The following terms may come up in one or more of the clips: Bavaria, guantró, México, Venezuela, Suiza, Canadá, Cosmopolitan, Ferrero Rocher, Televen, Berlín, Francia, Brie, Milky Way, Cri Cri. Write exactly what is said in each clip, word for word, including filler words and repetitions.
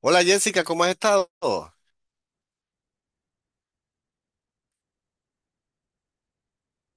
Hola Jessica, ¿cómo has estado?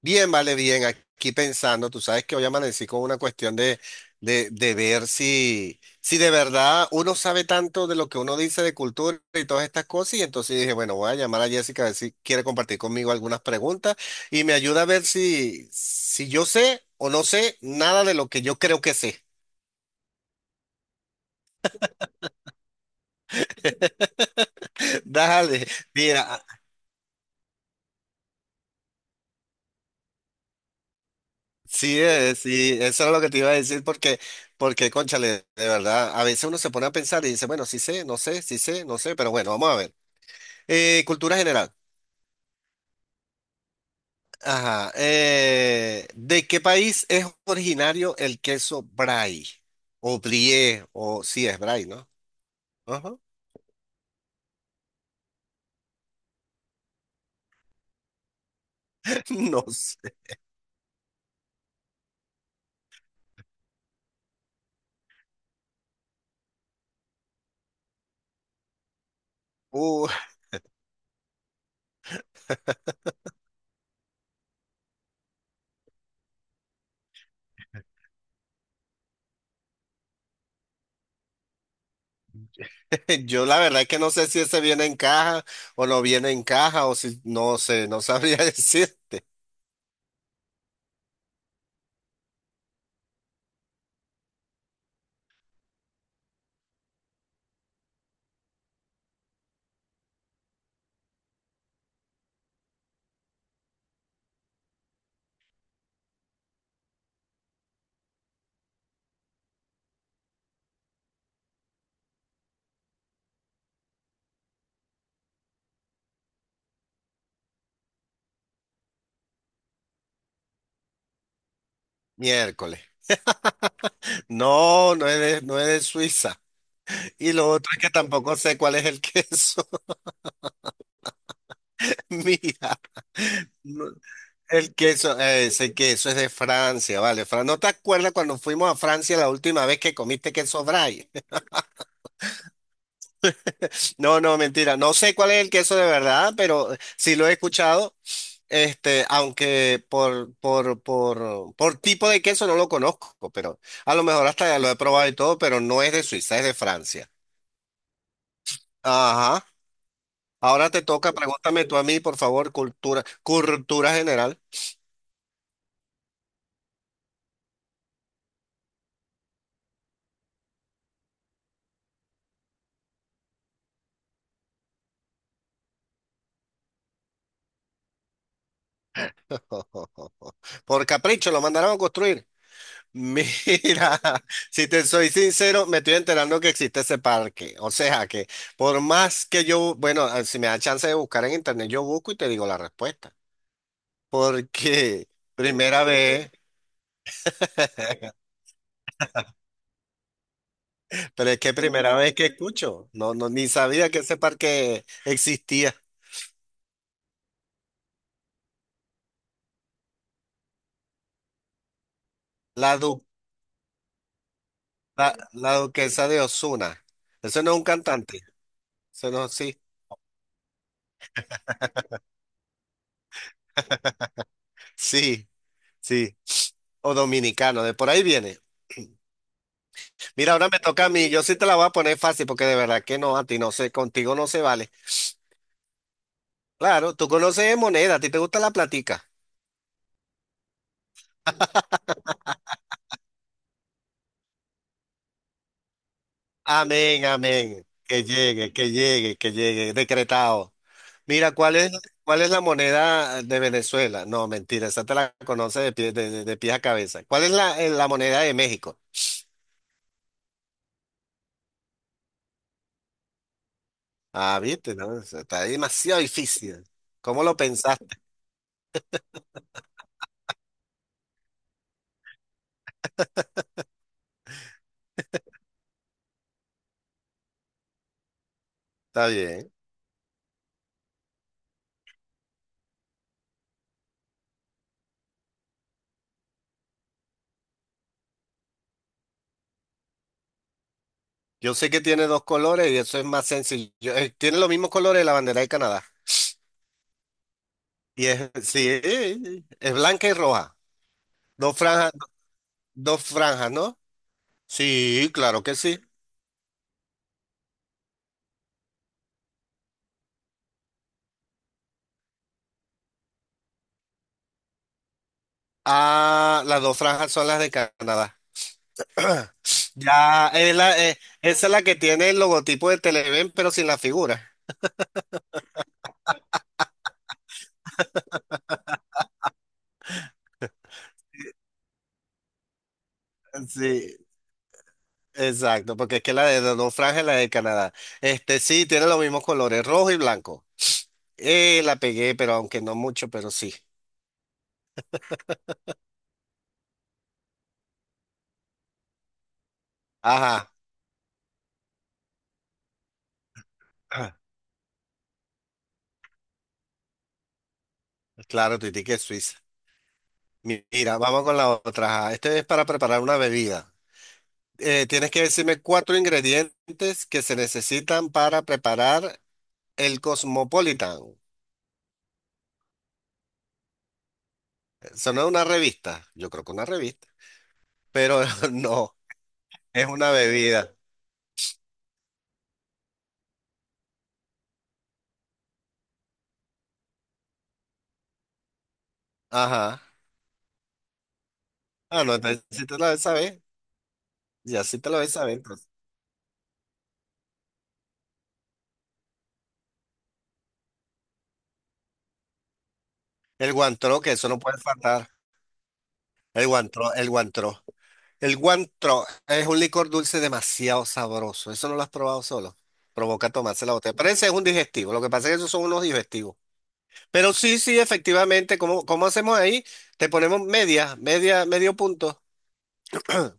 Bien, vale, bien. Aquí pensando, tú sabes que hoy amanecí con una cuestión de, de, de ver si, si de verdad uno sabe tanto de lo que uno dice de cultura y todas estas cosas. Y entonces dije, bueno, voy a llamar a Jessica a ver si quiere compartir conmigo algunas preguntas y me ayuda a ver si, si yo sé o no sé nada de lo que yo creo que sé. Dale, mira. Sí, eh, sí, eso era lo que te iba a decir porque, porque, cónchale, de verdad, a veces uno se pone a pensar y dice, bueno, sí sé, no sé, sí sé, no sé, pero bueno, vamos a ver. Eh, cultura general. Ajá. Eh, ¿de qué país es originario el queso brie? O brie, o sí es brie, ¿no? Ajá. No sé. Uh, yo la verdad es que no sé si ese viene en caja o no viene en caja o si, no sé, no sabría decir. Miércoles. No, no es de- no es de Suiza. Y lo otro es que tampoco sé cuál es el queso. Mira, no- el queso, eh, ese queso es de Francia, vale. Fran, ¿no te acuerdas cuando fuimos a Francia la última vez que comiste queso Brie? No, no, mentira. No sé cuál es el queso de verdad, pero sí lo he escuchado. Este, aunque por, por, por, por tipo de queso no lo conozco, pero a lo mejor hasta ya lo he probado y todo, pero no es de Suiza, es de Francia. Ajá. Ahora te toca, pregúntame tú a mí, por favor, cultura, cultura general. Por capricho, lo mandaron a construir. Mira, si te soy sincero, me estoy enterando que existe ese parque. O sea que por más que yo, bueno, eh, si me da chance de buscar en internet, yo busco y te digo la respuesta. Porque primera vez, pero es que primera vez que escucho, no, no, ni sabía que ese parque existía. La, du- la, la duquesa de Osuna. Eso no es un cantante. Eso no, sí, sí, sí. O dominicano, de por ahí viene. Mira, ahora me toca a mí. Yo sí te la voy a poner fácil porque de verdad que no, a ti no sé, contigo no se vale. Claro, tú conoces de moneda, a ti te gusta la platica. Amén, amén. Que llegue, que llegue, que llegue. Decretado. Mira, ¿cuál es, cuál es la moneda de Venezuela? No, mentira, esa te la conoces de pie, de, de- de pies a cabeza. ¿Cuál es la, eh, la moneda de México? Ah, viste, no, eso está demasiado difícil. ¿Cómo lo pensaste? Está bien. Yo sé que tiene dos colores y eso es más sencillo. Eh, Tiene los mismos colores de la bandera de Canadá. Y es, sí, es blanca y roja. Dos franjas, dos franjas, ¿no? Sí, claro que sí. Ah, las dos franjas son las de Canadá. Ya, es la, eh, esa es la que tiene el logotipo de Televen, pero sin la figura. Sí, exacto, porque es que la de las dos franjas es la de Canadá. Este sí, tiene los mismos colores, rojo y blanco. Eh, la pegué, pero aunque no mucho, pero sí. Ajá, claro, Titi, que es Suiza. Mi- Mira, vamos con la otra. Ajá, este es para preparar una bebida. Eh, tienes que decirme cuatro ingredientes que se necesitan para preparar el Cosmopolitan. Eso no es una revista, yo creo que una revista, pero no, es una bebida. Ajá. Ah, no, entonces sí te lo debes saber, ya sí te lo debes saber. Entonces. El guantró, que eso no puede faltar. El guantró, el guantró. El guantró es un licor dulce demasiado sabroso. Eso no lo has probado solo. Provoca tomarse la botella. Parece es un digestivo. Lo que pasa es que esos son unos digestivos. Pero sí, sí, efectivamente, ¿cómo, cómo hacemos ahí? Te ponemos media, media, medio punto.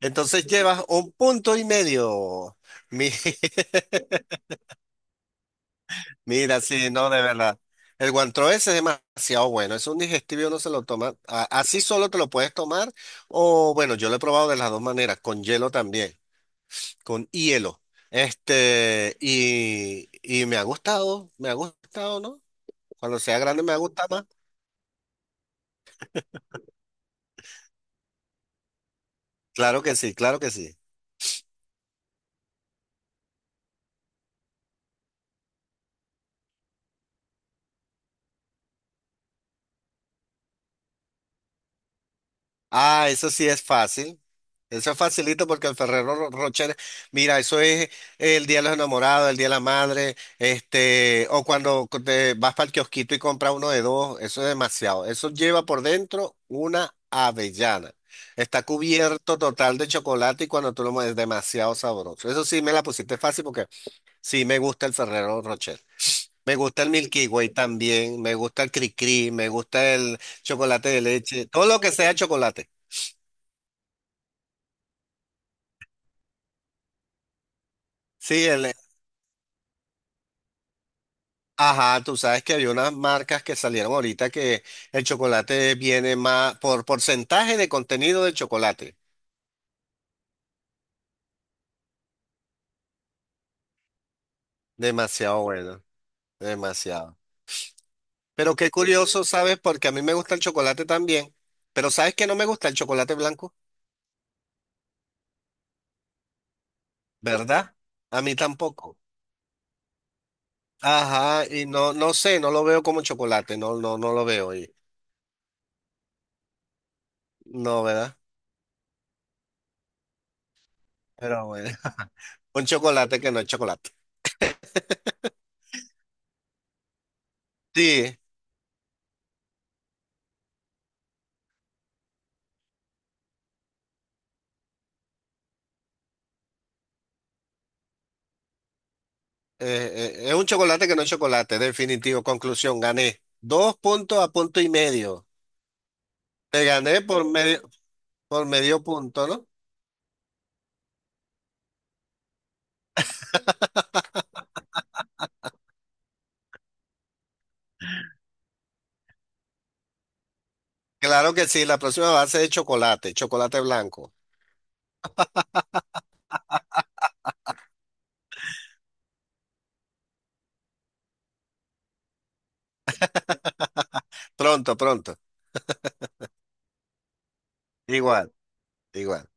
Entonces llevas un punto y medio. Mi- Mira, sí, no, de verdad. El guantró ese es demasiado bueno. Es un digestivo, no se lo toma. a- Así solo te lo puedes tomar. O bueno, yo lo he probado de las dos maneras, con hielo también, con hielo. Este, y, y me ha gustado, me ha gustado, ¿no? Cuando sea grande me ha gustado más. Claro que sí, claro que sí. Ah, eso sí es fácil. Eso es facilito porque el Ferrero Ro- Rocher, mira, eso es el Día de los Enamorados, el Día de la Madre, este, o cuando co- te vas para el kiosquito y compras uno de dos, eso es demasiado. Eso lleva por dentro una avellana. Está cubierto total de chocolate y cuando tú lo mueves es demasiado sabroso. Eso sí me la pusiste fácil porque sí me gusta el Ferrero Rocher. Me gusta el Milky Way también, me gusta el Cri Cri, me gusta el chocolate de leche, todo lo que sea chocolate. Sí, el, ajá, tú sabes que había unas marcas que salieron ahorita que el chocolate viene más por porcentaje de contenido del chocolate. Demasiado bueno, demasiado. Pero qué curioso, ¿sabes? Porque a mí me gusta el chocolate también, pero ¿sabes que no me gusta el chocolate blanco? ¿Verdad? A mí tampoco. Ajá, y no, no sé, no lo veo como chocolate, no, no, no lo veo. Y, no, ¿verdad? Pero bueno, un chocolate que no es chocolate. Sí. Eh, eh, es un chocolate que no es chocolate, definitivo. Conclusión, gané. Dos puntos a punto y medio. Te gané por medio, por medio punto, ¿no? Claro que sí, la próxima va a ser de chocolate, chocolate blanco. Pronto, pronto. Igual, igual.